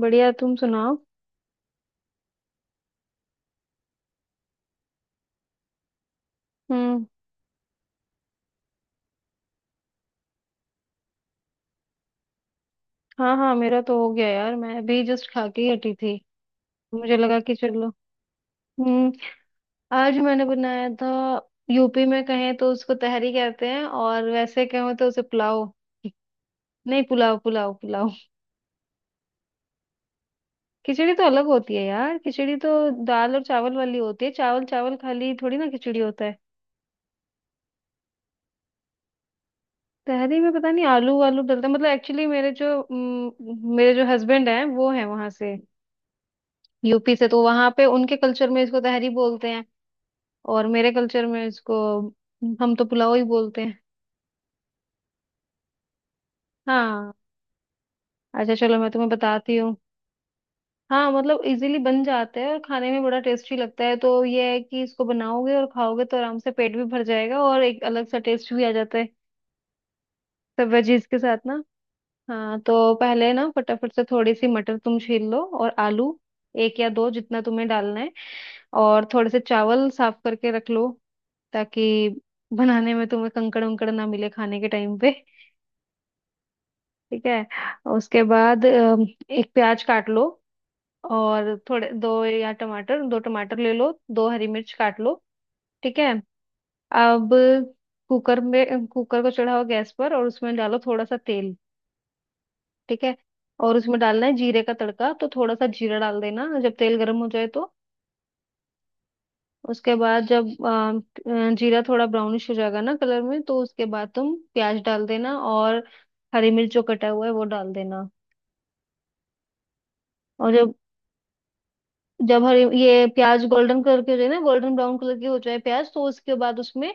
बढ़िया। तुम सुनाओ। हम्म। हाँ हाँ, मेरा तो हो गया यार। मैं अभी जस्ट खा के ही हटी थी। मुझे लगा कि चलो। हम्म। आज मैंने बनाया था। यूपी में कहें तो उसको तहरी कहते हैं, और वैसे कहें तो उसे पुलाव। नहीं, पुलाव पुलाव पुलाव। खिचड़ी तो अलग होती है यार। खिचड़ी तो दाल और चावल वाली होती है। चावल चावल खाली थोड़ी ना खिचड़ी होता है। तहरी में पता नहीं आलू वालू डलता है। मतलब एक्चुअली मेरे जो मेरे जो हस्बैंड हैं, वो हैं वहां से, यूपी से। तो वहां पे उनके कल्चर में इसको तहरी बोलते हैं, और मेरे कल्चर में इसको हम तो पुलाव ही बोलते हैं। हाँ, अच्छा चलो मैं तुम्हें बताती हूँ। हाँ, मतलब इजीली बन जाता है और खाने में बड़ा टेस्टी लगता है। तो ये है कि इसको बनाओगे और खाओगे तो आराम से पेट भी भर जाएगा और एक अलग सा टेस्ट भी आ जाता है। सब वेजीज के साथ ना। हाँ, तो पहले ना फटाफट से थोड़ी सी मटर तुम छील लो, और आलू एक या दो जितना तुम्हें डालना है। और थोड़े से चावल साफ करके रख लो, ताकि बनाने में तुम्हें कंकड़ उंकड़ ना मिले खाने के टाइम पे। ठीक है। उसके बाद एक प्याज काट लो, और थोड़े दो या टमाटर, दो टमाटर ले लो। दो हरी मिर्च काट लो। ठीक है। अब कुकर में, कुकर को चढ़ाओ गैस पर और उसमें डालो थोड़ा सा तेल। ठीक है। और उसमें डालना है जीरे का तड़का, तो थोड़ा सा जीरा डाल देना जब तेल गर्म हो जाए तो। उसके बाद जब जीरा थोड़ा ब्राउनिश हो जाएगा ना कलर में, तो उसके बाद तुम प्याज डाल देना और हरी मिर्च जो कटा हुआ है वो डाल देना। और जब, हरी ये प्याज गोल्डन कलर के हो जाए ना, गोल्डन ब्राउन कलर के हो जाए प्याज, तो उसके बाद उसमें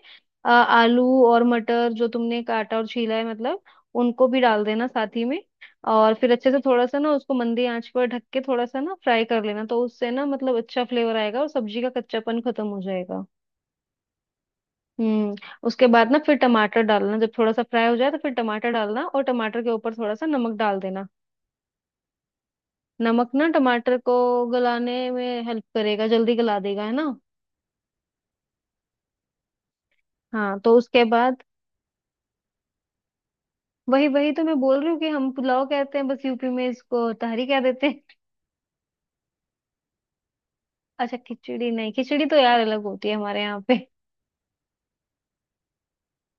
आलू और मटर जो तुमने काटा और छीला है, मतलब उनको भी डाल देना साथ ही में। और फिर अच्छे से थोड़ा सा ना उसको मंदी आंच पर ढक के थोड़ा सा ना फ्राई कर लेना। तो उससे ना, मतलब अच्छा फ्लेवर आएगा और सब्जी का कच्चापन खत्म हो जाएगा। हम्म। उसके बाद ना फिर टमाटर डालना, जब थोड़ा सा फ्राई हो जाए तो फिर टमाटर डालना, और टमाटर के ऊपर थोड़ा सा नमक डाल देना। नमक ना टमाटर को गलाने में हेल्प करेगा, जल्दी गला देगा, है ना। हाँ, तो उसके बाद, वही वही तो मैं बोल रही हूँ कि हम पुलाव कहते हैं, बस यूपी में इसको तहरी कह देते हैं। अच्छा, खिचड़ी नहीं, खिचड़ी तो यार अलग होती है हमारे यहाँ पे।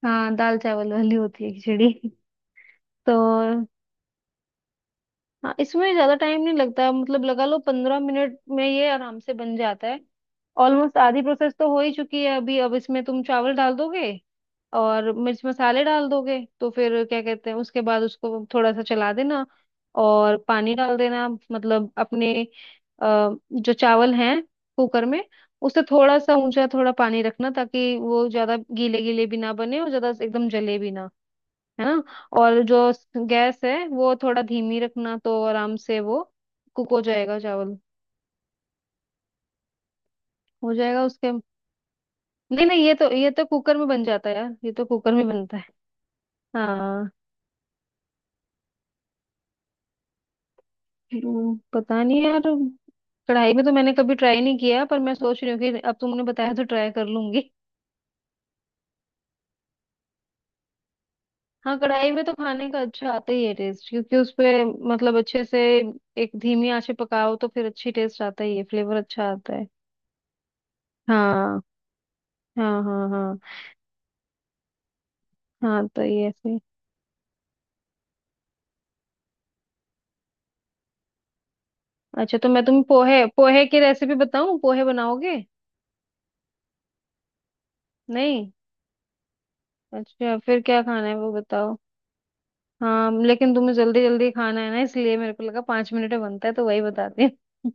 हाँ, दाल चावल वाली होती है खिचड़ी। तो हाँ, इसमें ज्यादा टाइम नहीं लगता। मतलब लगा लो 15 मिनट में ये आराम से बन जाता है। ऑलमोस्ट आधी प्रोसेस तो हो ही चुकी है अभी। अब इसमें तुम चावल डाल दोगे और मिर्च मसाले डाल दोगे, तो फिर क्या कहते हैं, उसके बाद उसको थोड़ा सा चला देना और पानी डाल देना। मतलब अपने जो चावल हैं कुकर में, उससे थोड़ा सा ऊंचा थोड़ा पानी रखना, ताकि वो ज्यादा गीले गीले भी ना बने और ज्यादा एकदम जले भी ना। है ना। और जो गैस है वो थोड़ा धीमी रखना, तो आराम से वो कुक हो जाएगा चावल। हो जाएगा उसके। नहीं नहीं, ये तो कुकर में बन जाता है यार, ये तो कुकर में बनता है। हाँ। पता नहीं यार। कढ़ाई में तो मैंने कभी ट्राई नहीं किया, पर मैं सोच रही हूँ कि अब तुमने बताया तो ट्राई कर लूंगी। हाँ, कढ़ाई में तो खाने का अच्छा आता ही है टेस्ट, क्योंकि उसपे मतलब अच्छे से एक धीमी आंच पे पकाओ तो फिर अच्छी टेस्ट आता ही है, फ्लेवर अच्छा आता है। हाँ हाँ हाँ हाँ। हाँ, तो ये ऐसे ही। अच्छा, तो मैं तुम्हें पोहे पोहे की रेसिपी बताऊं, पोहे बनाओगे? नहीं, अच्छा फिर क्या खाना है वो बताओ। हाँ, लेकिन तुम्हें जल्दी जल्दी खाना है ना, इसलिए मेरे को लगा 5 मिनट में बनता है तो वही बताती हूँ।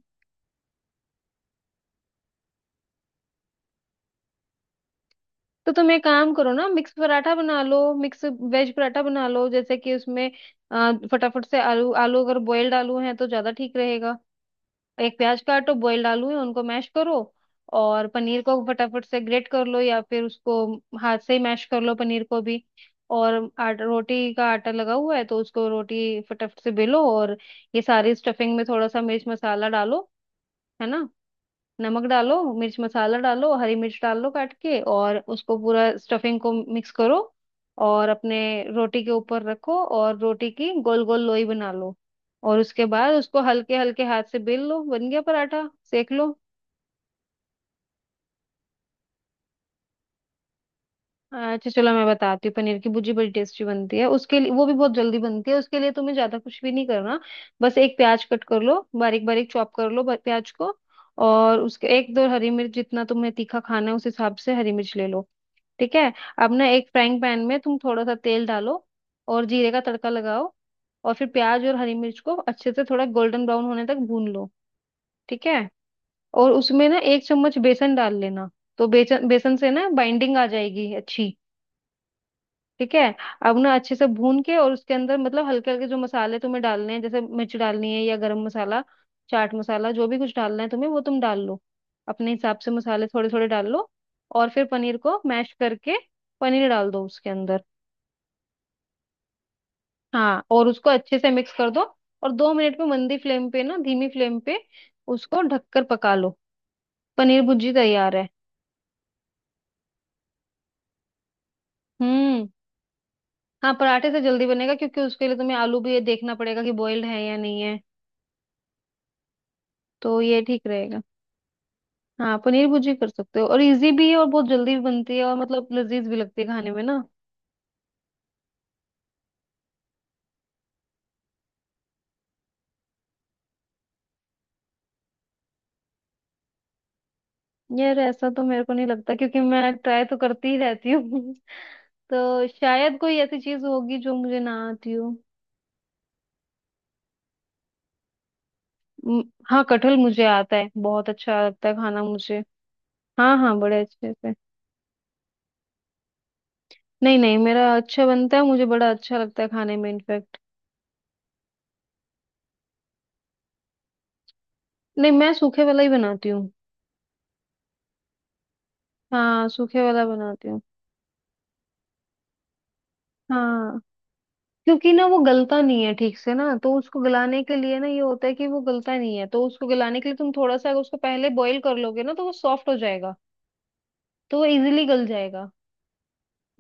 तो तुम एक काम करो ना, मिक्स पराठा बना लो, मिक्स वेज पराठा बना लो। जैसे कि उसमें फटाफट से आलू, आलू अगर बॉयल्ड आलू है तो ज्यादा ठीक रहेगा। एक प्याज काटो, बॉइल्ड आलू है उनको मैश करो। और पनीर को फटाफट से ग्रेट कर लो, या फिर उसको हाथ से ही मैश कर लो पनीर को भी। और आटा, रोटी का आटा लगा हुआ है तो उसको रोटी फटाफट से बेलो, और ये सारी स्टफिंग में थोड़ा सा मिर्च मसाला डालो, है ना। नमक डालो, मिर्च मसाला डालो, हरी मिर्च डाल लो काट के, और उसको पूरा स्टफिंग को मिक्स करो। और अपने रोटी के ऊपर रखो और रोटी की गोल गोल लोई बना लो। और उसके बाद उसको हल्के हल्के हाथ से बेल लो, बन गया पराठा, सेक लो। अच्छा चलो मैं बताती हूँ। पनीर की भुर्जी बड़ी टेस्टी बनती है, उसके लिए वो भी बहुत जल्दी बनती है, उसके लिए तुम्हें ज्यादा कुछ भी नहीं करना। बस एक प्याज कट कर लो, बारीक बारीक चॉप कर लो प्याज को। और उसके एक दो हरी मिर्च, जितना तुम्हें तीखा खाना है उस हिसाब से हरी मिर्च ले लो। ठीक है। अब ना एक फ्राइंग पैन में तुम थोड़ा सा तेल डालो और जीरे का तड़का लगाओ। और फिर प्याज और हरी मिर्च को अच्छे से थोड़ा गोल्डन ब्राउन होने तक भून लो। ठीक है। और उसमें ना एक चम्मच बेसन डाल लेना। तो बेसन, बेसन से ना बाइंडिंग आ जाएगी अच्छी। ठीक है। अब उन्हें अच्छे से भून के और उसके अंदर, मतलब हल्के हल्के जो मसाले तुम्हें डालने हैं, जैसे मिर्च डालनी है या गरम मसाला, चाट मसाला, जो भी कुछ डालना है तुम्हें वो तुम डाल लो, अपने हिसाब से मसाले थोड़े थोड़े डाल लो। और फिर पनीर को मैश करके पनीर डाल दो उसके अंदर। हाँ, और उसको अच्छे से मिक्स कर दो। और 2 मिनट में मंदी फ्लेम पे ना, धीमी फ्लेम पे उसको ढककर पका लो। पनीर भुर्जी तैयार है। हम्म। हाँ, पराठे से जल्दी बनेगा, क्योंकि उसके लिए तुम्हें आलू भी ये देखना पड़ेगा कि बॉइल्ड है या नहीं है। तो ये ठीक रहेगा। हाँ, पनीर भुर्जी कर सकते हो, और इजी भी है और बहुत जल्दी भी बनती है, और मतलब लजीज भी लगती है खाने में ना। यार ऐसा तो मेरे को नहीं लगता, क्योंकि मैं ट्राई तो करती ही रहती हूँ। तो शायद कोई ऐसी चीज होगी जो मुझे ना आती हो। म, हाँ कटहल मुझे आता है, बहुत अच्छा लगता है खाना मुझे। हाँ हाँ बड़े अच्छे से। नहीं नहीं मेरा अच्छा बनता है, मुझे बड़ा अच्छा लगता है खाने में इनफेक्ट। नहीं, मैं सूखे वाला ही बनाती हूँ। हाँ सूखे वाला बनाती हूँ। हाँ, क्योंकि ना वो गलता नहीं है ठीक से ना, तो उसको गलाने के लिए ना ये होता है कि वो गलता नहीं है, तो उसको गलाने के लिए तुम थोड़ा सा अगर उसको पहले बॉईल कर लोगे ना तो वो सॉफ्ट हो जाएगा। तो वो इजीली गल जाएगा।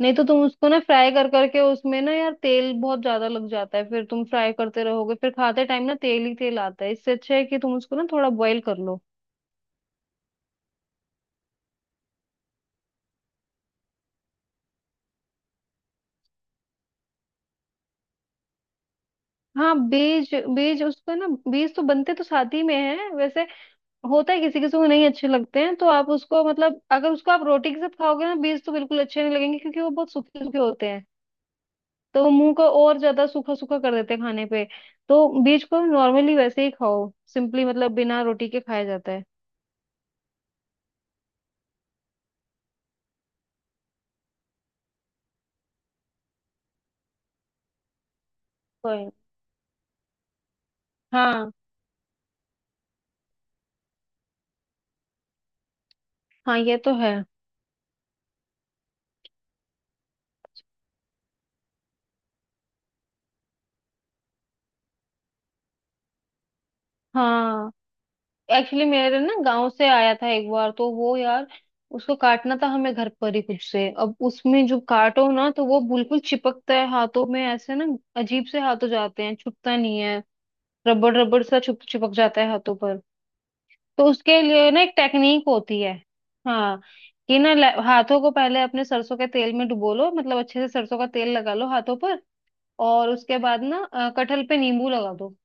नहीं तो तुम उसको ना फ्राई कर करके उसमें ना यार तेल बहुत ज्यादा लग जाता है, फिर तुम फ्राई करते रहोगे फिर खाते टाइम ना तेल ही तेल आता है। इससे अच्छा है कि तुम उसको ना थोड़ा बॉईल कर लो। हाँ, बीज बीज उसका ना, बीज तो बनते तो साथ ही में है वैसे। होता है किसी किसी को नहीं अच्छे लगते हैं, तो आप उसको, मतलब अगर उसको आप रोटी के साथ खाओगे ना, बीज तो बिल्कुल अच्छे नहीं लगेंगे, क्योंकि वो बहुत सूखे सूखे होते हैं। तो वो मुंह को और ज्यादा सूखा सूखा कर देते हैं खाने पे। तो बीज को नॉर्मली वैसे ही खाओ सिंपली, मतलब बिना रोटी के खाया जाता है। कोई। हाँ हाँ, ये तो है। हाँ, एक्चुअली मेरे ना गांव से आया था एक बार, तो वो यार उसको काटना था हमें घर पर ही खुद से। अब उसमें जो काटो ना तो वो बिल्कुल चिपकता है हाथों में ऐसे ना। अजीब से हाथों जाते हैं, छुटता नहीं है। रबड़ रबड़ सा छुप चिपक जाता है हाथों पर। तो उसके लिए ना एक टेक्निक होती है। हाँ, कि ना हाथों को पहले अपने सरसों के तेल में डुबो लो, मतलब अच्छे से सरसों का तेल लगा लो हाथों पर। और उसके बाद ना कटहल पे नींबू लगा दो।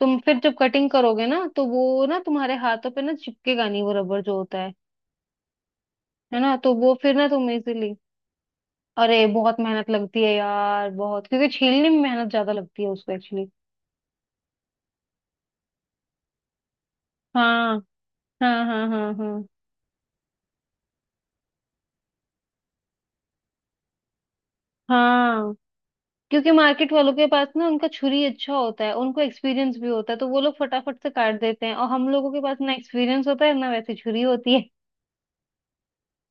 तुम फिर जब कटिंग करोगे ना तो वो ना तुम्हारे हाथों पे ना चिपकेगा नहीं, वो रबड़ जो होता है ना, तो वो फिर ना तुम इजीली। अरे बहुत मेहनत लगती है यार बहुत, क्योंकि छीलने में मेहनत ज्यादा लगती है उसको एक्चुअली। हाँ हाँ हाँ हाँ हाँ हाँ, क्योंकि मार्केट वालों के पास ना उनका छुरी अच्छा होता है, उनको एक्सपीरियंस भी होता है, तो वो लोग फटाफट से काट देते हैं। और हम लोगों के पास ना एक्सपीरियंस होता है ना वैसी छुरी होती है।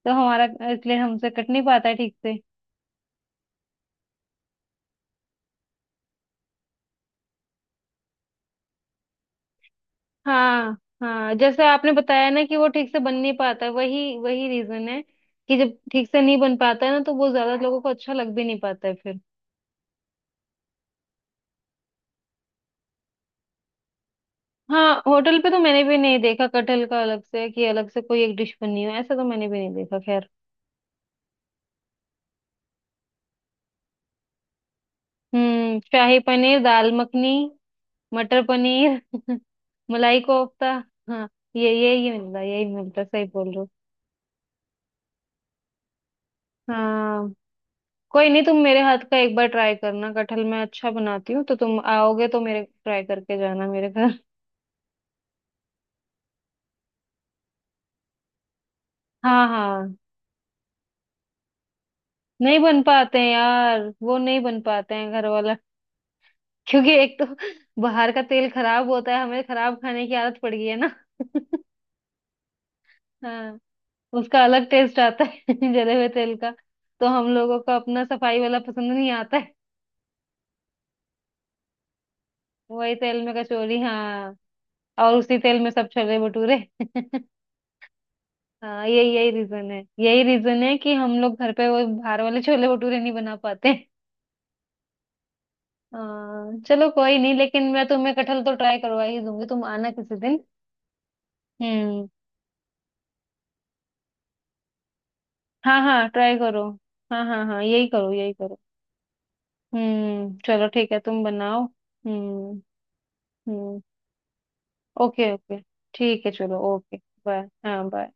तो हमारा, इसलिए हमसे कट नहीं पाता है ठीक से। हाँ हाँ, जैसे आपने बताया ना कि वो ठीक से बन नहीं पाता है, वही वही रीजन है कि जब ठीक से नहीं बन पाता है ना तो वो ज्यादा लोगों को अच्छा लग भी नहीं पाता है फिर। हाँ, होटल पे तो मैंने भी नहीं देखा कटहल का अलग से, कि अलग से कोई एक डिश बनी हो, ऐसा तो मैंने भी नहीं देखा। खैर। हम्म, शाही पनीर, दाल मखनी, मटर पनीर मलाई कोफ्ता। हाँ, ये यही मिलता, यही मिलता। सही बोल रहे हो। हाँ, कोई नहीं, तुम मेरे हाथ का एक बार ट्राई करना कटहल, मैं अच्छा बनाती हूँ, तो तुम आओगे तो मेरे ट्राई करके जाना मेरे घर। हाँ हाँ। नहीं बन पाते हैं यार, वो नहीं बन पाते हैं घर वाला। क्योंकि एक तो बाहर का तेल खराब होता है, हमें खराब खाने की आदत पड़ गई है ना। हाँ, उसका अलग टेस्ट आता है जले हुए तेल का। तो हम लोगों को अपना सफाई वाला पसंद नहीं आता। वही तेल में कचौरी, हाँ, और उसी तेल में सब छोले भटूरे। हाँ, यही यही रीजन है, यही रीजन है कि हम लोग घर पे वो बाहर वाले छोले भटूरे नहीं बना पाते। हाँ चलो, कोई नहीं, लेकिन मैं तुम्हें कटहल तो ट्राई करवा ही दूंगी, तुम आना किसी दिन। हम्म। हाँ हाँ, ट्राई करो। हाँ हाँ हाँ, यही करो यही करो। हम्म, चलो ठीक है, तुम बनाओ। हम्म। हम्म। Okay okay. ठीक है, चलो, ओके। बाय। हाँ, बाय।